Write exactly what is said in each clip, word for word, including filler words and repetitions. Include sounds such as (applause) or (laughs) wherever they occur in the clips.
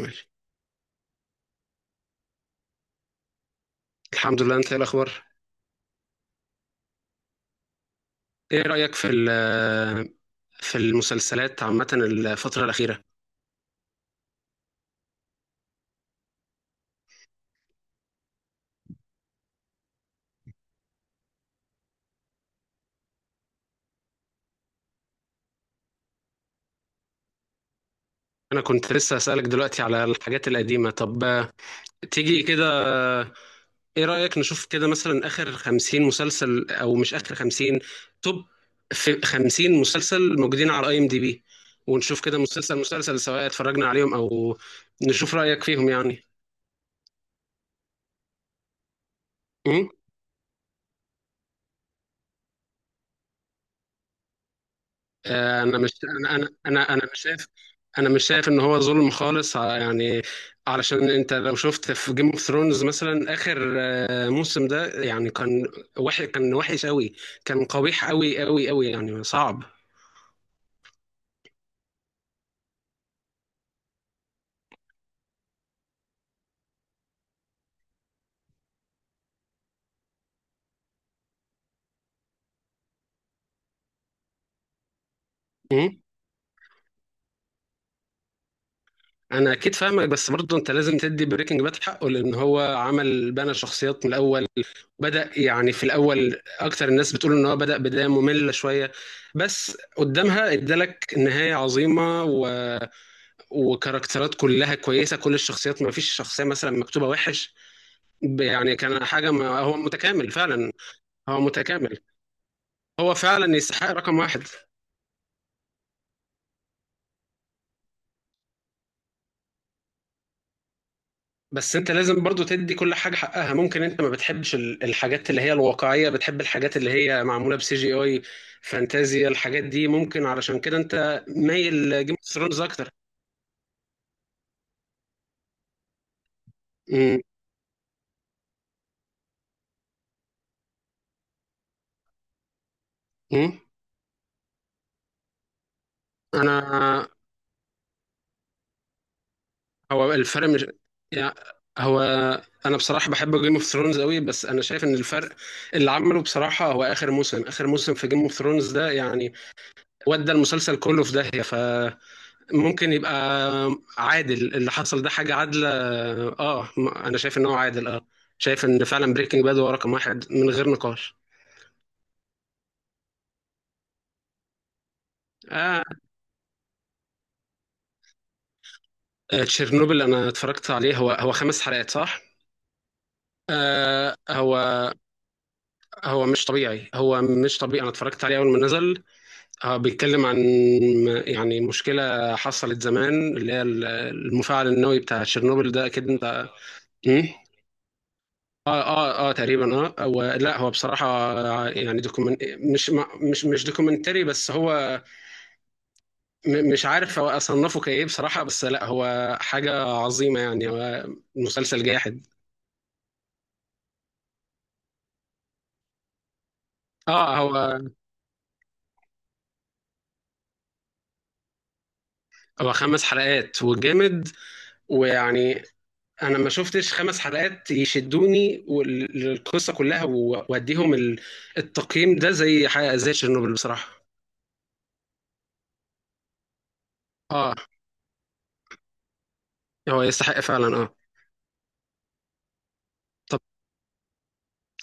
ماشي. الحمد لله، انت ايه الاخبار؟ ايه رايك في ال- في المسلسلات عامه الفتره الاخيره؟ انا كنت لسه اسالك دلوقتي على الحاجات القديمه. طب آه، تيجي كده. آه، ايه رايك نشوف كده مثلا اخر خمسين مسلسل، او مش اخر خمسين توب، في خمسين مسلسل موجودين على اي ام دي بي، ونشوف كده مسلسل مسلسل سواء اتفرجنا عليهم او نشوف رايك فيهم يعني. آه، انا مش انا انا انا انا مش شايف، انا مش شايف ان هو ظلم خالص، ع- يعني علشان انت لو شفت في جيم اوف ثرونز مثلا اخر آه، موسم ده يعني كان وحش، كان وحش قوي، كان قبيح قوي قوي قوي يعني صعب. مم. انا اكيد فاهمك، بس برضه انت لازم تدي بريكنج باد حقه لان هو عمل، بنى شخصيات من الاول. بدا يعني في الاول، اكتر الناس بتقول ان هو بدا بدايه ممله شويه، بس قدامها ادالك نهايه عظيمه، وكاركترات كلها كويسه، كل الشخصيات ما فيش شخصيه مثلا مكتوبه وحش. ب- يعني كان حاجه، ما هو متكامل فعلا. هو متكامل، هو فعلا يستحق رقم واحد. بس انت لازم برضو تدي كل حاجه حقها، ممكن انت ما بتحبش ال- الحاجات اللي هي الواقعيه، بتحب الحاجات اللي هي معموله بسي جي اي، فانتازيا، الحاجات دي ممكن علشان كده انت مايل جيم اوف ثرونز اكتر. م- م. انا، هو الفرق مش يعني، هو، انا بصراحه بحب جيم اوف ثرونز قوي، بس انا شايف ان الفرق اللي عمله بصراحه هو اخر موسم، اخر موسم في جيم اوف ثرونز ده يعني ودى المسلسل كله في داهيه، فممكن يبقى عادل اللي حصل ده، حاجه عادله. اه م- انا شايف ان هو عادل اه، شايف ان فعلا بريكنج باد هو رقم واحد من غير نقاش. آه، تشيرنوبل انا اتفرجت عليه. هو هو خمس حلقات صح؟ آه هو، هو مش طبيعي هو مش طبيعي، انا اتفرجت عليه اول ما نزل. اه بيتكلم عن يعني مشكلة حصلت زمان، اللي هي ال- المفاعل النووي بتاع تشيرنوبل ده، اكيد انت مم؟ اه اه اه تقريبا، اه هو لا هو بصراحة يعني دوكيومنت، مش ما- مش مش دوكيومنتري، بس هو م- مش عارف هو اصنفه كايه بصراحة. بس لا هو حاجة عظيمة يعني، هو مسلسل جاحد. اه هو، هو خمس حلقات وجامد، ويعني انا ما شفتش خمس حلقات يشدوني، والقصه كلها و- واديهم ال- التقييم ده زي حاجه زي تشيرنوبل بصراحه. اه هو يستحق فعلا اه. طب،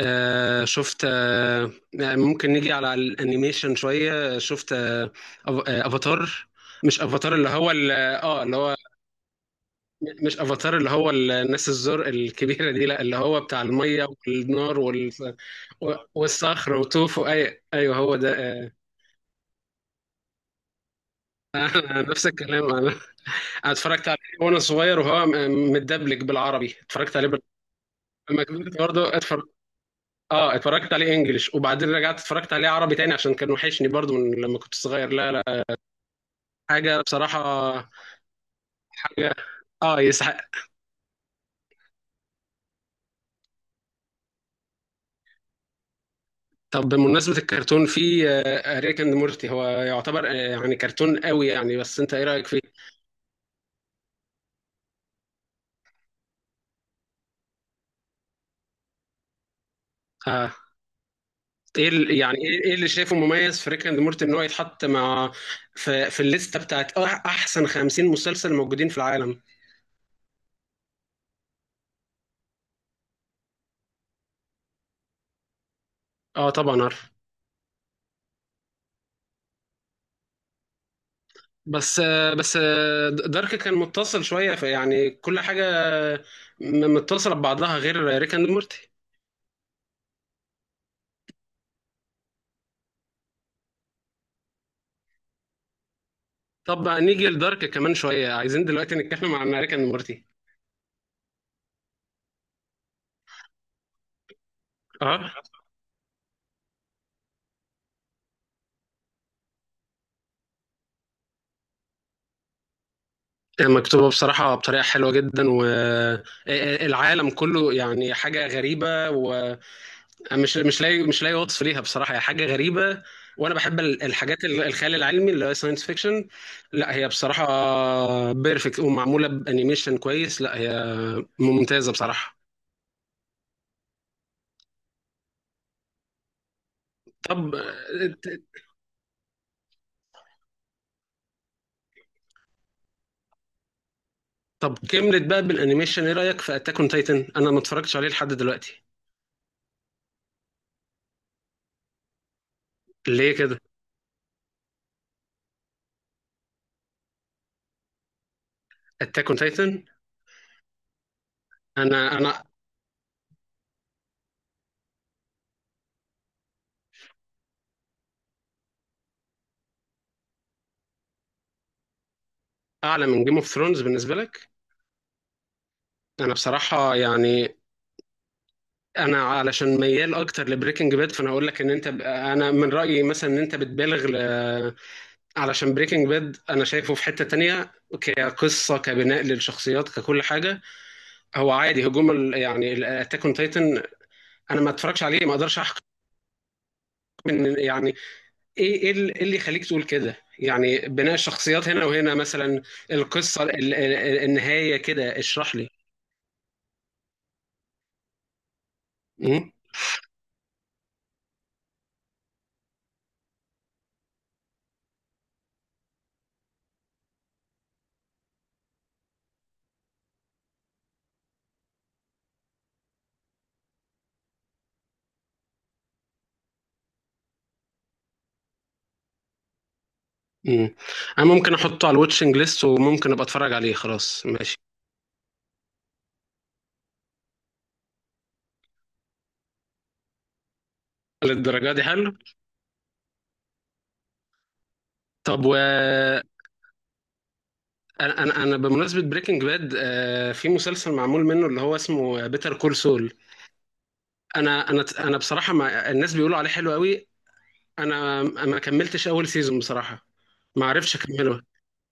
آه شفت آه ممكن نيجي على الانيميشن شويه، شفت آه أف- آه، افاتار. مش افاتار اللي هو ال- اه اللي هو، مش افاتار اللي هو الناس الزرق الكبيره دي، لا اللي هو بتاع الميه والنار وال... والصخر وتوفو، اي ايوه هو ده آه. (laughs) نفس الكلام، انا اتفرجت عليه وانا صغير وهو م- متدبلج بالعربي، اتفرجت عليه بال- لما كبرت برضه اتفرج. اه اتفرجت عليه انجليش وبعدين رجعت اتفرجت عليه عربي تاني عشان كان وحشني برضه من لما كنت صغير. لا لا، حاجه بصراحه، حاجه اه يسحق. طب بمناسبة الكرتون، في آه، ريك اند مورتي هو يعتبر آه، يعني كرتون قوي يعني، بس انت ايه رأيك فيه؟ آه. ايه ال- يعني ايه، إيه اللي شايفه مميز في ريك اند مورتي ان هو يتحط مع في, في الليستة بتاعت أح- احسن خمسين مسلسل موجودين في العالم؟ اه طبعا عارف. بس بس دارك كان متصل شوية، فيعني كل حاجة م- متصلة ببعضها غير ريك اند مورتي. طب بقى نيجي لدارك كمان شوية، عايزين دلوقتي نتكلم عن ريك اند مورتي. اه، مكتوبة بصراحة بطريقة حلوة جدا، والعالم كله يعني حاجة غريبة ومش، مش لاقي مش لاقي وصف ليها بصراحة، هي حاجة غريبة. وانا بحب ال- الحاجات ال- الخيال العلمي اللي هو ساينس فيكشن. لا هي بصراحة بيرفكت ومعمولة بانيميشن كويس، لا هي ممتازة بصراحة. طب، طب كملت بقى بالانيميشن، ايه رايك في اتاك اون تايتن؟ انا ما اتفرجتش عليه لحد دلوقتي. ليه كده؟ اتاك اون تايتن؟ انا انا اعلى من جيم اوف ثرونز بالنسبه لك؟ انا بصراحه يعني، انا علشان ميال اكتر لبريكنج باد، فانا اقول لك ان انت، انا من رايي مثلا ان انت بتبالغ ل... علشان بريكنج باد انا شايفه في حته تانية، كقصه، كبناء للشخصيات، ككل حاجه. هو عادي هجوم ال... يعني اتاك اون تايتن انا ما اتفرجش عليه، ما اقدرش احكم. إن- يعني ايه، ايه ال- إيه اللي يخليك تقول كده يعني، بناء الشخصيات هنا وهنا مثلا، القصه ال- ال- النهايه كده، اشرح لي. مم. مم. انا ممكن احطه على الواتشنج ليست وممكن ابقى اتفرج عليه، خلاص ماشي. للدرجه دي حلو؟ طب و، انا انا أنا بمناسبه بريكنج باد، في مسلسل معمول منه اللي هو اسمه بيتر كول سول. انا انا انا بصراحه، ما الناس بيقولوا عليه حلو قوي، انا ما كملتش اول سيزون بصراحه، ما عرفتش اكمله.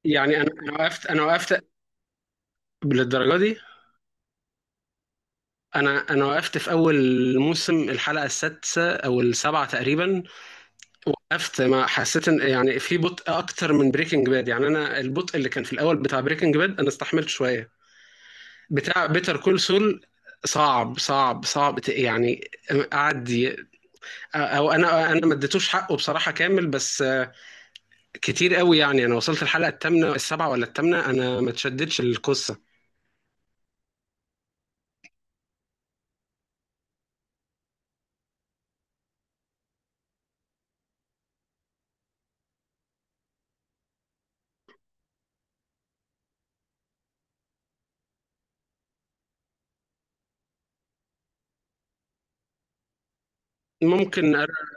يعني انا، أنا وقفت انا وقفت للدرجه دي. انا انا وقفت في اول موسم الحلقه السادسه او السابعه تقريبا. وقفت، ما حسيت ان يعني، في بطء اكتر من بريكنج باد يعني. انا البطء اللي كان في الاول بتاع بريكنج باد انا استحملت شويه، بتاع بيتر كول سول صعب صعب صعب ت- يعني. قعد ي- او انا انا ما اديتوش حقه بصراحه كامل، بس كتير قوي يعني، انا وصلت الحلقه الثامنه، السابعه ولا الثامنه، انا ما اتشدتش القصه. ممكن أر-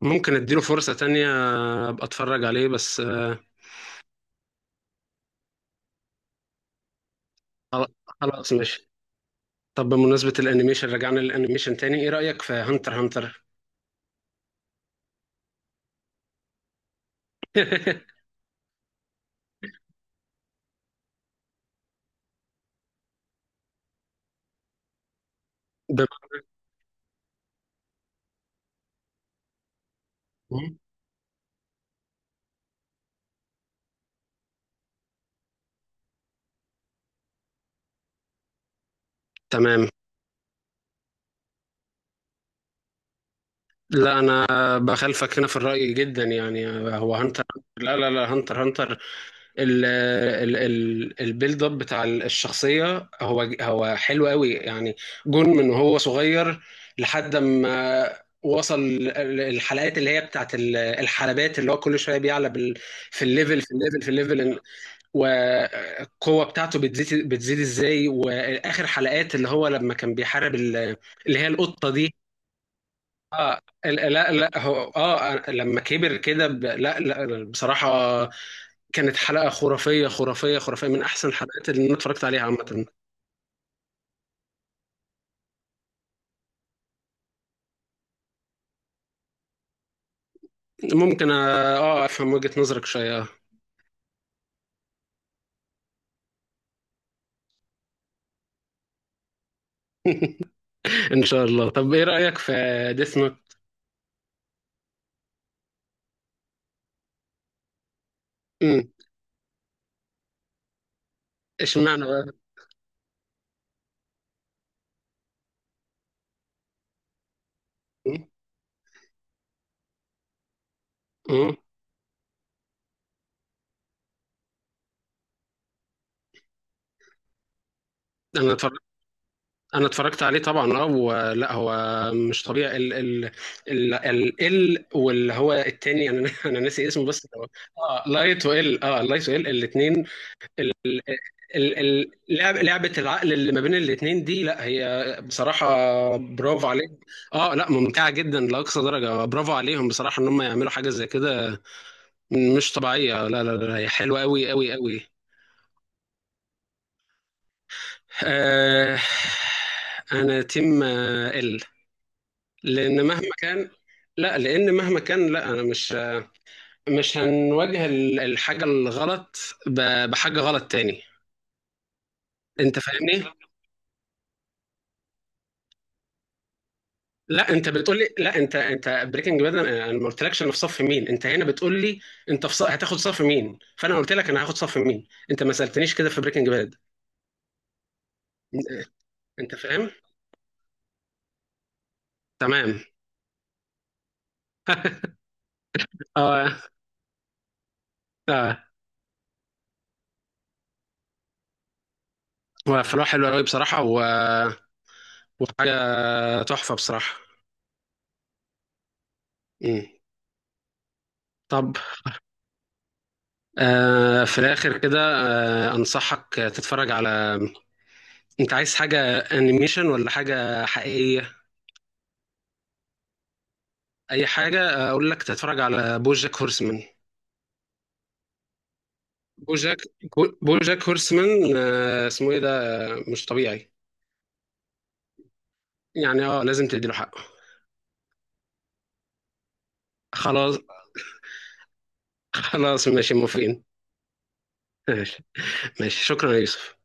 ممكن اديله فرصه تانية، ابقى اتفرج عليه بس آه، خلاص ماشي. طب بمناسبة الانيميشن، رجعنا للانيميشن تاني، ايه رأيك في هانتر هانتر؟ (laughs) بما- تمام. لا انا بخالفك هنا في الرأي جدا يعني، هو هانتر، لا لا لا، هانتر هانتر ال ال ال البيلد اب بتاع الشخصية هو هو حلو قوي يعني، جون من هو صغير لحد ما وصل ال- الحلقات اللي هي بتاعت ال- الحلبات، اللي هو كل شويه بيعلى بال- في الليفل، في الليفل، في الليفل، والقوة بتاعته بتزيد بتزيد ازاي، واخر حلقات اللي هو لما كان بيحارب ال- اللي هي القطة دي. اه ال- لا لا هو اه، لما كبر كده ب- لا لا بصراحة، كانت حلقة خرافية خرافية خرافية من احسن الحلقات اللي انا اتفرجت عليها عامة. ممكن اه، آه، افهم وجهة نظرك شوية آه. ان شاء الله. طب ايه رأيك في ديث نوت؟ اشمعنى بقى؟ مم. مم. انا اتفرجت انا اتفرجت عليه طبعا اه، ولا هو مش طبيعي. ال ال ال ال ال واللي هو التاني انا (laughs) انا ناسي اسمه بس هو- اه لايت وال، اه لايت وال الاثنين، اللعب لعبه العقل اللي ما بين الاثنين دي، لا هي بصراحه برافو عليهم. اه لا، ممتعه جدا لاقصى درجه، برافو عليهم بصراحه ان هم يعملوا حاجه زي كده. مش طبيعيه، لا لا لا هي حلوه قوي قوي قوي. آه، انا تيم ال، لان مهما كان، لا لان مهما كان، لا انا مش، مش هنواجه ال- الحاجه الغلط ب- بحاجه غلط تاني. انت فاهمني، لا انت بتقول لي لا انت، انت بريكنج باد، انا أنا ما قلتلكش انا في صف مين، انت هنا بتقول لي انت في صف، هتاخد صف مين؟ فانا قلت لك انا هاخد صف مين، انت ما سالتنيش كده في بريكنج باد. انت فاهم؟ تمام. اه اه، هو فلاح حلو قوي بصراحه و... وحاجه تحفه بصراحه. مم. طب آه، في الآخر كده، آه، أنصحك تتفرج على، أنت عايز حاجة أنيميشن ولا حاجة حقيقية؟ أي حاجة؟ أقول لك تتفرج على بوجاك هورسمان. بوجاك، بو- بوجاك هورسمان، آه، اسمه إيه ده، آه، مش طبيعي يعني. أه، لازم تديله حقه. خلاص، خلاص ماشي موافقين. ماشي ماشي، شكرا يا يوسف.